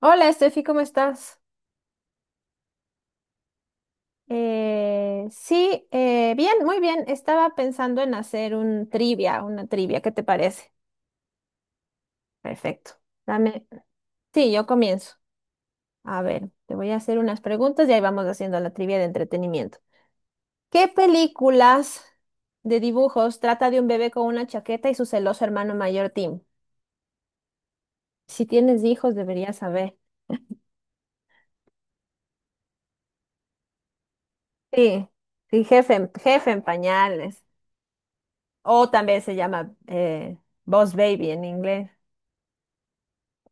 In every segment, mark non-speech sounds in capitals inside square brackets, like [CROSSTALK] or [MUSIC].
Hola, Estefi, ¿cómo estás? Sí, Bien, muy bien. Estaba pensando en hacer un trivia, una trivia, ¿qué te parece? Perfecto. Dame. Sí, yo comienzo. A ver, te voy a hacer unas preguntas y ahí vamos haciendo la trivia de entretenimiento. ¿Qué películas de dibujos trata de un bebé con una chaqueta y su celoso hermano mayor Tim? Si tienes hijos, deberías saber. Sí, sí, jefe en pañales. O también se llama Boss Baby en inglés.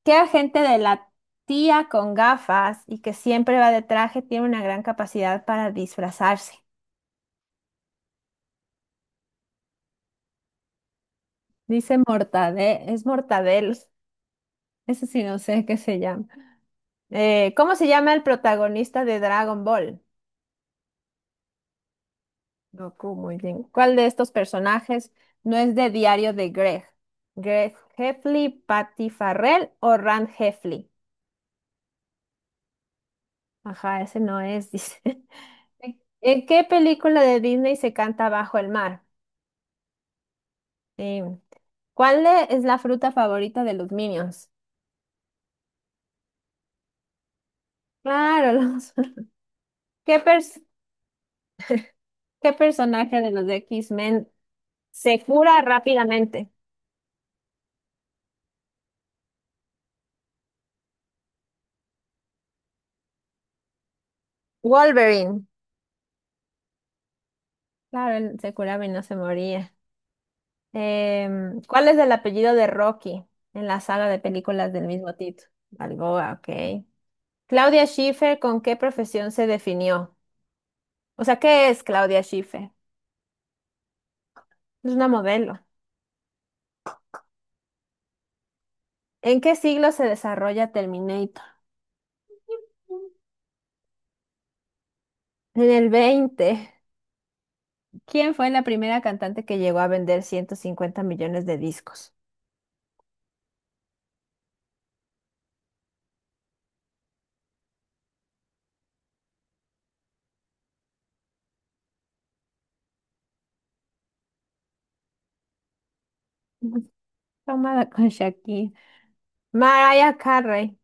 ¿Qué agente de la tía con gafas y que siempre va de traje tiene una gran capacidad para disfrazarse? Dice Mortadel, es Mortadel. Eso sí no sé qué se llama. ¿Cómo se llama el protagonista de Dragon Ball? Goku, muy bien. ¿Cuál de estos personajes no es de Diario de Greg? ¿Greg Heffley, Patty Farrell o Rand Heffley? Ajá, ese no es, dice. [LAUGHS] ¿En qué película de Disney se canta Bajo el mar? Sí. ¿Cuál es la fruta favorita de los Minions? Claro, los... [LAUGHS] ¿Qué, pers- qué personaje de los X-Men se cura rápidamente? Wolverine. Claro, él se curaba y no se moría. ¿Cuál es el apellido de Rocky en la saga de películas del mismo título? Balboa, ok. Claudia Schiffer, ¿con qué profesión se definió? O sea, ¿qué es Claudia Schiffer? Es una modelo. ¿En qué siglo se desarrolla Terminator? En el 20. ¿Quién fue la primera cantante que llegó a vender 150 millones de discos? [LAUGHS] Tomada con Shakira. Mariah Carey.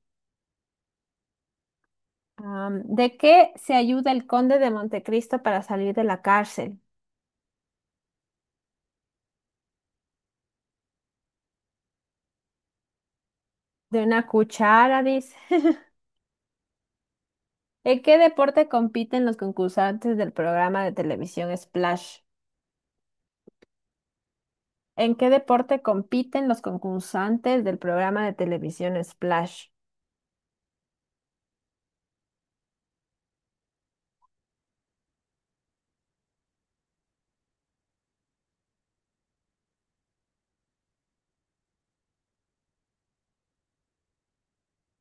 ¿De qué se ayuda el conde de Montecristo para salir de la cárcel? De una cuchara, dice. [LAUGHS] ¿En qué deporte compiten los concursantes del programa de televisión Splash? ¿En qué deporte compiten los concursantes del programa de televisión Splash?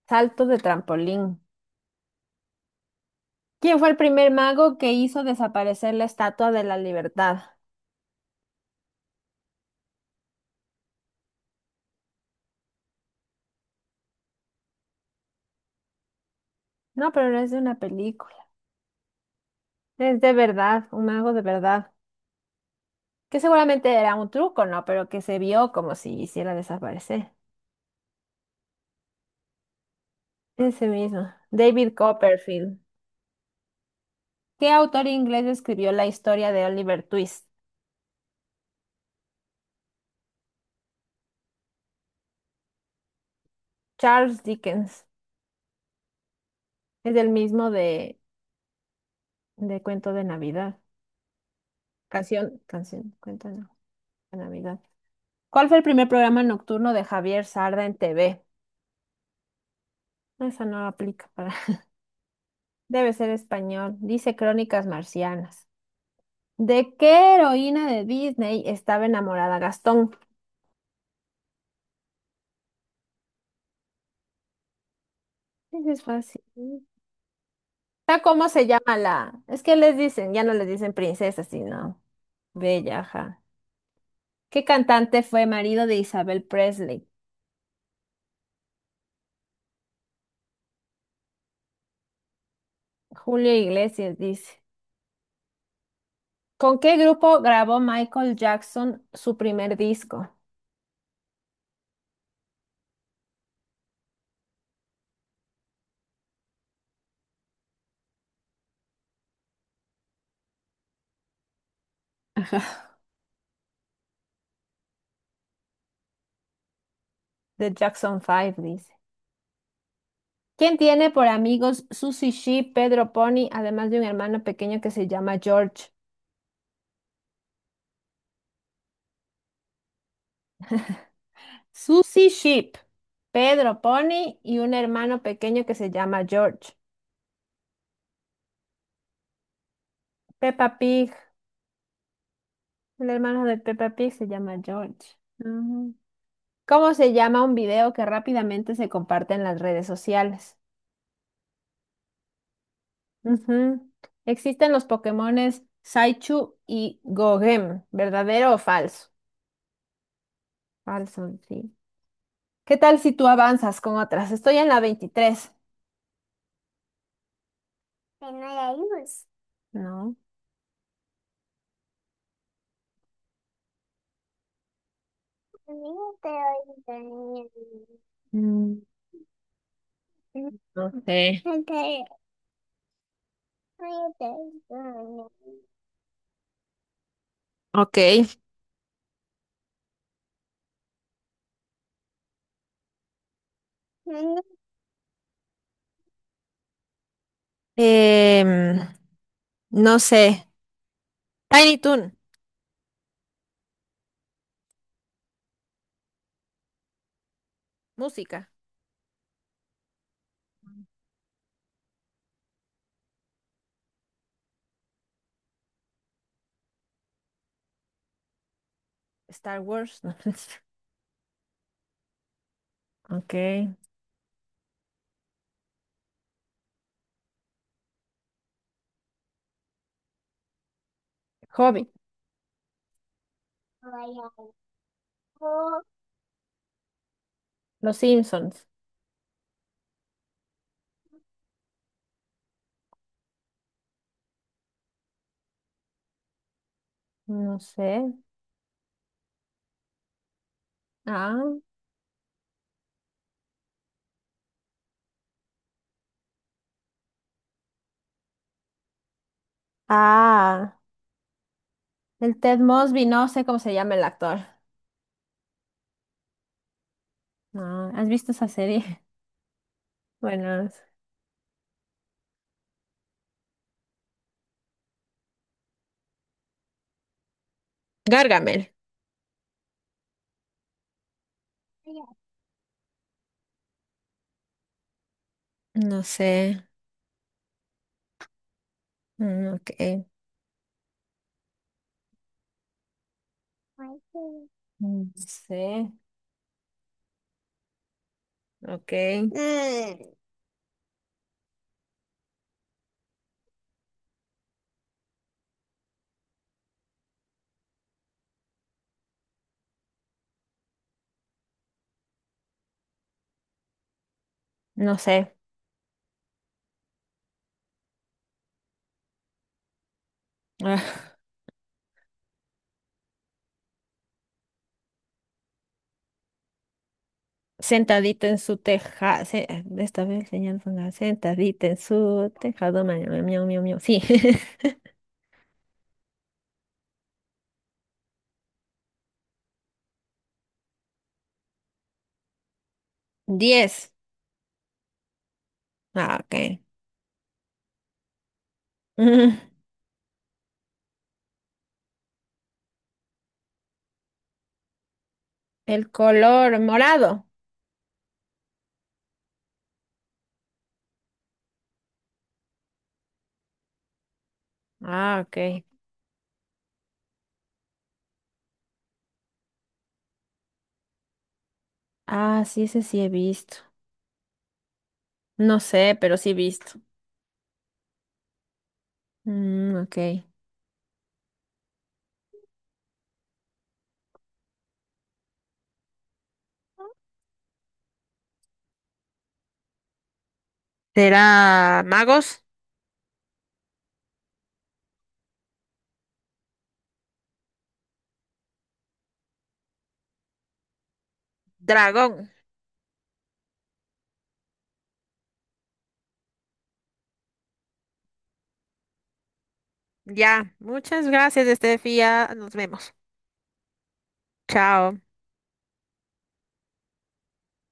Salto de trampolín. ¿Quién fue el primer mago que hizo desaparecer la Estatua de la Libertad? No, pero no es de una película. Es de verdad, un mago de verdad. Que seguramente era un truco, ¿no? Pero que se vio como si hiciera desaparecer. Ese mismo. David Copperfield. ¿Qué autor inglés escribió la historia de Oliver Twist? Charles Dickens. Es el mismo de Cuento de Navidad. Canción, canción, Cuento de Navidad. ¿Cuál fue el primer programa nocturno de Javier Sarda en TV? No, esa no aplica para... [LAUGHS] Debe ser español. Dice Crónicas Marcianas. ¿De qué heroína de Disney estaba enamorada Gastón? Ese es fácil. ¿Está cómo se llama la? Es que les dicen, ya no les dicen princesa, sino bella, ajá. ¿Qué cantante fue marido de Isabel Presley? Julio Iglesias dice. ¿Con qué grupo grabó Michael Jackson su primer disco? Ajá. The Jackson Five, dice. ¿Quién tiene por amigos Susie Sheep, Pedro Pony, además de un hermano pequeño que se llama George? Susie Sheep, Pedro Pony y un hermano pequeño que se llama George. Peppa Pig, el hermano de Peppa Pig se llama George. Mm. ¿Cómo se llama un video que rápidamente se comparte en las redes sociales? Ujú. Existen los Pokémones Saichu y Gogem, ¿verdadero o falso? Falso, sí. ¿Qué tal si tú avanzas con otras? Estoy en la 23. No. Mm, no sé. Ok. Em, no sé. Tiny Toon. Música. Star Wars. [LAUGHS] No sé. Ok. Hobby. Los Simpsons. No sé. Ah. Ah. El Ted Mosby, no sé cómo se llama el actor. No, ¿has visto esa serie? [LAUGHS] Bueno, Gargamel. No sé. Mm, ok. Mm, no sé. Ok. Mm. No sé. Ah, Sentadita en su teja. Se- esta vez enseñando sentadita en su tejado. Ma- ma- Miau, miau, miau. Sí. [LAUGHS] Diez. Ah, ok. [LAUGHS] Mm, el color morado. Ah, ok. Ah, sí, ese sí he visto. No sé, pero sí he visto. Mm, ok. Será magos, dragón. Ya, muchas gracias, Estefía. Nos vemos. Chao.